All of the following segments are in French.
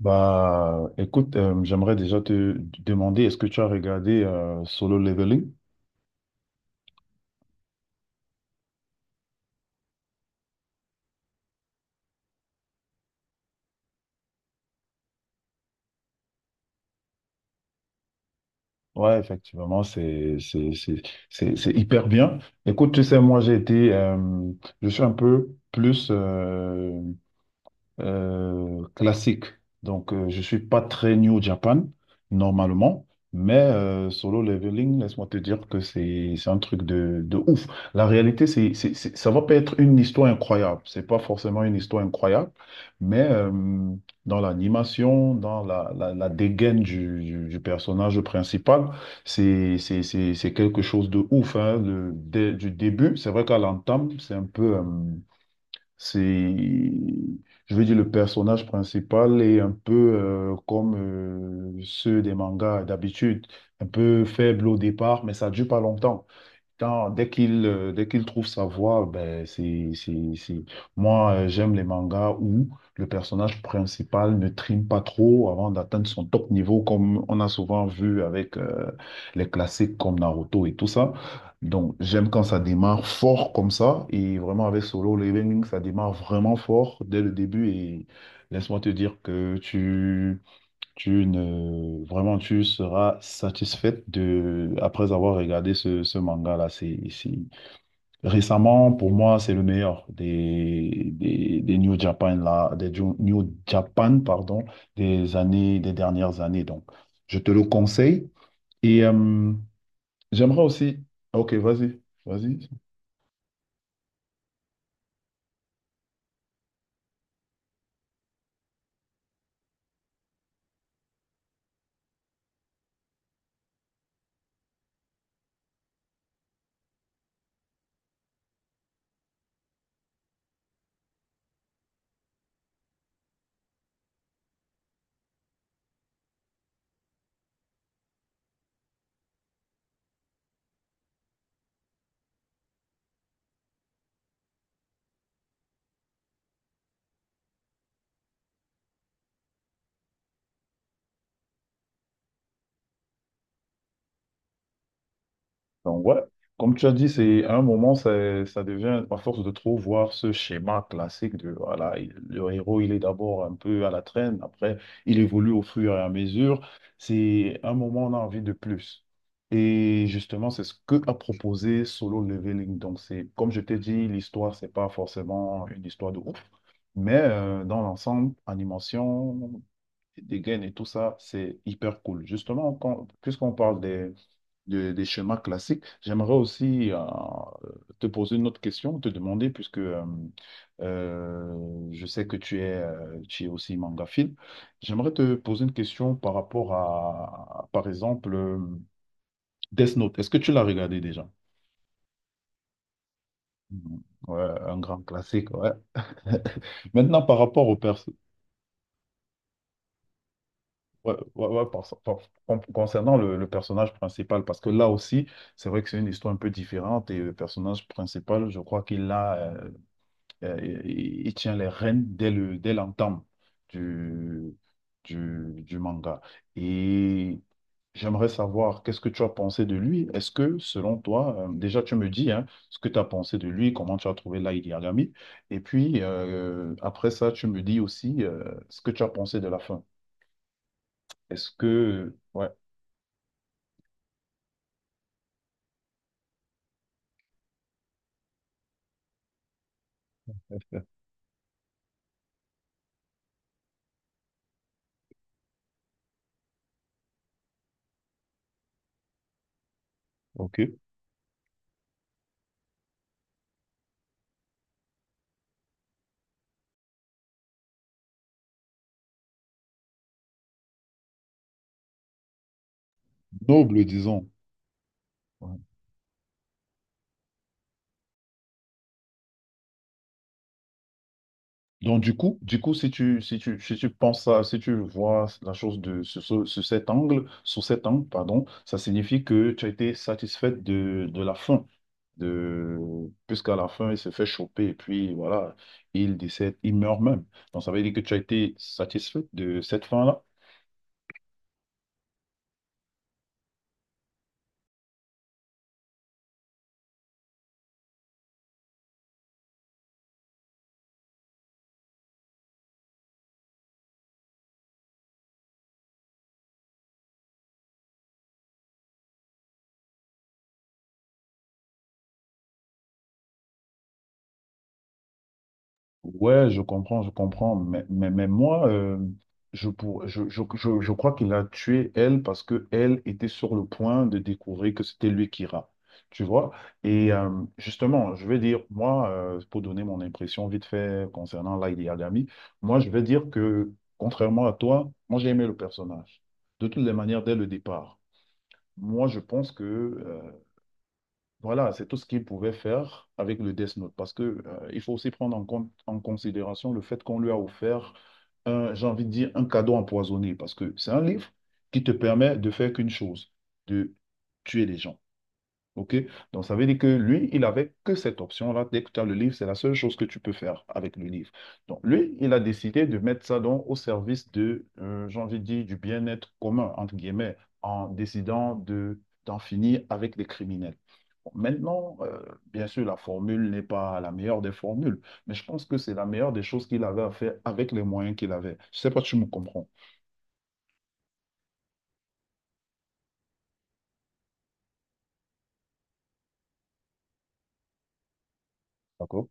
J'aimerais déjà te demander, est-ce que tu as regardé Solo Leveling? Ouais, effectivement, c'est hyper bien. Écoute, tu sais, moi, je suis un peu plus classique. Donc, je ne suis pas très new au Japan, normalement, mais solo leveling, laisse-moi te dire que c'est un truc de ouf. La réalité, ça va pas être une histoire incroyable. C'est pas forcément une histoire incroyable, mais dans l'animation, dans la dégaine du personnage principal, c'est quelque chose de ouf, hein. Du début, c'est vrai qu'à l'entame, c'est un peu... c'est, je veux dire, le personnage principal est un peu comme ceux des mangas d'habitude, un peu faible au départ, mais ça dure pas longtemps. Dès qu'il dès qu'il trouve sa voie, ben c'est- moi j'aime les mangas où le personnage principal ne trime pas trop avant d'atteindre son top niveau comme on a souvent vu avec les classiques comme Naruto et tout ça. Donc j'aime quand ça démarre fort comme ça et vraiment avec Solo Leveling ça démarre vraiment fort dès le début et laisse-moi te dire que tu tu ne, vraiment, tu seras satisfaite de, après avoir regardé ce manga-là. Récemment, pour moi, c'est le meilleur des New Japan, là, New Japan, pardon, des dernières années. Donc, je te le conseille. Et j'aimerais aussi. Ok, vas-y, vas-y. Donc, ouais, comme tu as dit, c'est à un moment, ça devient, à force de trop voir ce schéma classique de, voilà, le héros, il est d'abord un peu à la traîne, après, il évolue au fur et à mesure. C'est à un moment, on a envie de plus. Et justement, c'est ce que a proposé Solo Leveling. Donc, c'est, comme je t'ai dit, l'histoire, c'est pas forcément une histoire de ouf, mais dans l'ensemble, animation, des gains et tout ça, c'est hyper cool. Justement, puisqu'on parle des des schémas classiques. J'aimerais aussi te poser une autre question, te demander, puisque je sais que tu es aussi mangaphile, j'aimerais te poser une question par rapport à, par exemple, Death Note. Est-ce que tu l'as regardé déjà? Mm. Ouais, un grand classique, ouais. Maintenant, par rapport au perso... ouais, ouais, ouais, par- par- concernant le personnage principal, parce que là aussi, c'est vrai que c'est une histoire un peu différente et le personnage principal, je crois qu'il a euh, il tient les rênes dès l'entame du, du manga. Et j'aimerais savoir, qu'est-ce que tu as pensé de lui? Est-ce que, selon toi, déjà tu me dis hein, ce que tu as pensé de lui, comment tu as trouvé Light Yagami, et puis après ça, tu me dis aussi ce que tu as pensé de la fin. Ouais, ok. Noble, disons. Donc, si tu penses à, si tu vois la chose de, sous, sous cet angle, pardon, ça signifie que tu as été satisfaite de la fin. De, puisqu'à la fin, il se fait choper et puis voilà, il décède, il meurt même. Donc, ça veut dire que tu as été satisfaite de cette fin-là. Ouais, je comprends, je comprends. Mais moi, je, pour, je crois qu'il a tué elle parce que elle était sur le point de découvrir que c'était lui qui ira. Tu vois? Et justement, je vais dire, moi, pour donner mon impression vite fait concernant Lady Yagami, moi, je vais dire que, contrairement à toi, moi, j'ai aimé le personnage. De toutes les manières, dès le départ. Moi, je pense que voilà, c'est tout ce qu'il pouvait faire avec le Death Note, parce que il faut aussi prendre en compte, en considération le fait qu'on lui a offert un, j'ai envie de dire, un cadeau empoisonné, parce que c'est un livre qui te permet de faire qu'une chose, de tuer les gens. OK? Donc, ça veut dire que lui, il avait que cette option-là. Dès que tu as le livre, c'est la seule chose que tu peux faire avec le livre. Donc, lui, il a décidé de mettre ça donc au service de, j'ai envie de dire, du bien-être commun, entre guillemets, en décidant de, d'en finir avec les criminels. Bon, maintenant, bien sûr, la formule n'est pas la meilleure des formules, mais je pense que c'est la meilleure des choses qu'il avait à faire avec les moyens qu'il avait. Je ne sais pas si tu me comprends. D'accord?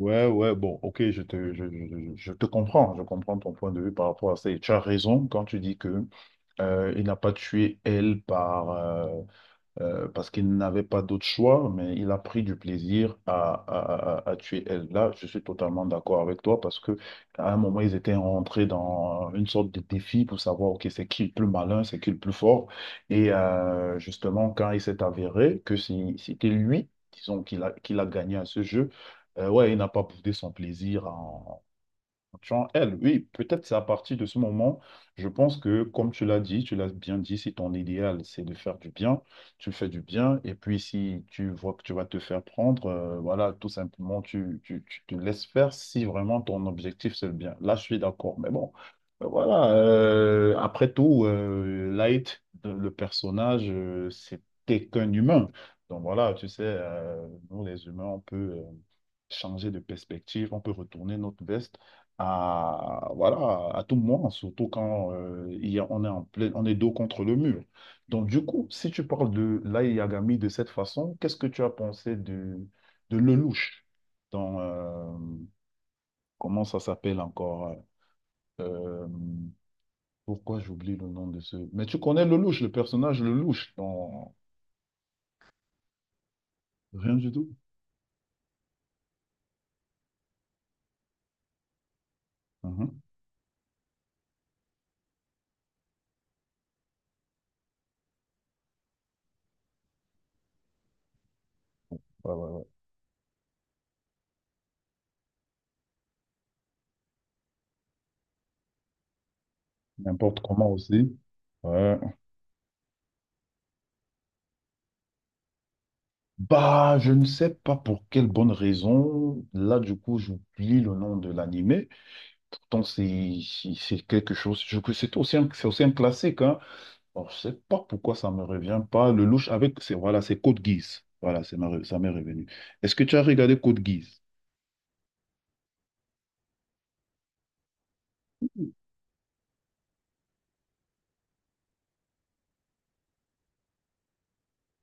Ouais, ouais, bon, ok, je te comprends, je comprends ton point de vue par rapport à ça. Et tu as raison quand tu dis que il n'a pas tué elle parce qu'il n'avait pas d'autre choix, mais il a pris du plaisir à tuer elle. Là, je suis totalement d'accord avec toi parce que à un moment, ils étaient rentrés dans une sorte de défi pour savoir, OK, c'est qui le plus malin, c'est qui le plus fort. Et justement, quand il s'est avéré que c'était lui, disons, qu'il a gagné à ce jeu, ouais, il n'a pas prouvé son plaisir en tu Genre, elle, oui, peut-être c'est à partir de ce moment, je pense que, comme tu l'as dit, tu l'as bien dit, si ton idéal, c'est de faire du bien, tu fais du bien, et puis si tu vois que tu vas te faire prendre, voilà, tout simplement, tu te laisses faire si vraiment ton objectif, c'est le bien. Là, je suis d'accord, mais bon, voilà, après tout, Light, le personnage, c'était qu'un humain. Donc voilà, tu sais, nous, les humains, on peut... changer de perspective, on peut retourner notre veste à, voilà, à tout moment, surtout quand on est en plein, on est dos contre le mur. Donc, du coup, si tu parles de Lai Yagami de cette façon, qu'est-ce que tu as pensé de Lelouch dans, comment ça s'appelle encore? euh, Pourquoi j'oublie le nom de ce... mais tu connais Lelouch, le personnage Lelouch dans... Rien du tout. Mhm. Ouais, ouais, ouais. N'importe comment aussi. Ouais. Bah, je ne sais pas pour quelle bonne raison. Là, du coup, j'oublie le nom de l'animé. Pourtant, c'est quelque chose. Je que c'est aussi un classique, hein. Alors, je sais pas pourquoi ça me revient pas. Le louche avec c'est voilà, c'est Code Geass. Voilà, ça m'est revenu. Est-ce que tu as regardé Code Geass?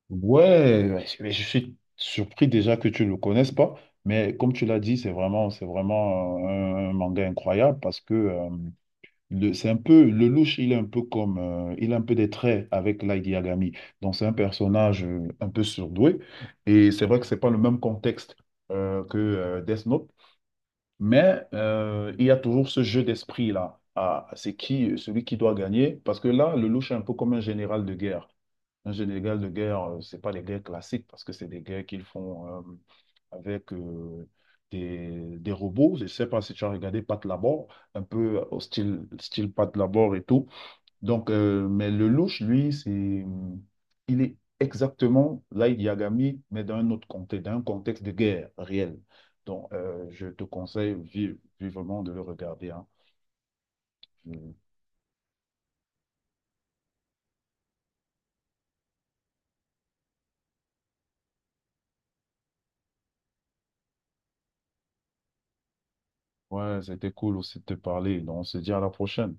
Ouais, ouais, mais je suis surpris déjà que tu ne le connaisses pas. Mais comme tu l'as dit, c'est vraiment un manga incroyable parce que c'est un peu, le louche, il est un peu comme, il a un peu des traits avec Light Yagami. Donc, c'est un personnage un peu surdoué. Et c'est vrai que c'est pas le même contexte que Death Note. Mais il y a toujours ce jeu d'esprit-là. Ah, c'est qui, celui qui doit gagner. Parce que là, le louche est un peu comme un général de guerre. Un général de guerre, c'est pas des guerres classiques parce que c'est des guerres qu'ils font avec des robots. Je sais pas si tu as regardé Pat Labor, un peu au style, style Pat Labor et tout. Donc, mais le louche, lui, c'est, il est exactement Light Yagami, mais dans un autre contexte, dans un contexte de guerre réelle. Donc, je te conseille vivement de le regarder, hein. Je- Ouais, c'était cool aussi de te parler. Donc, on se dit à la prochaine.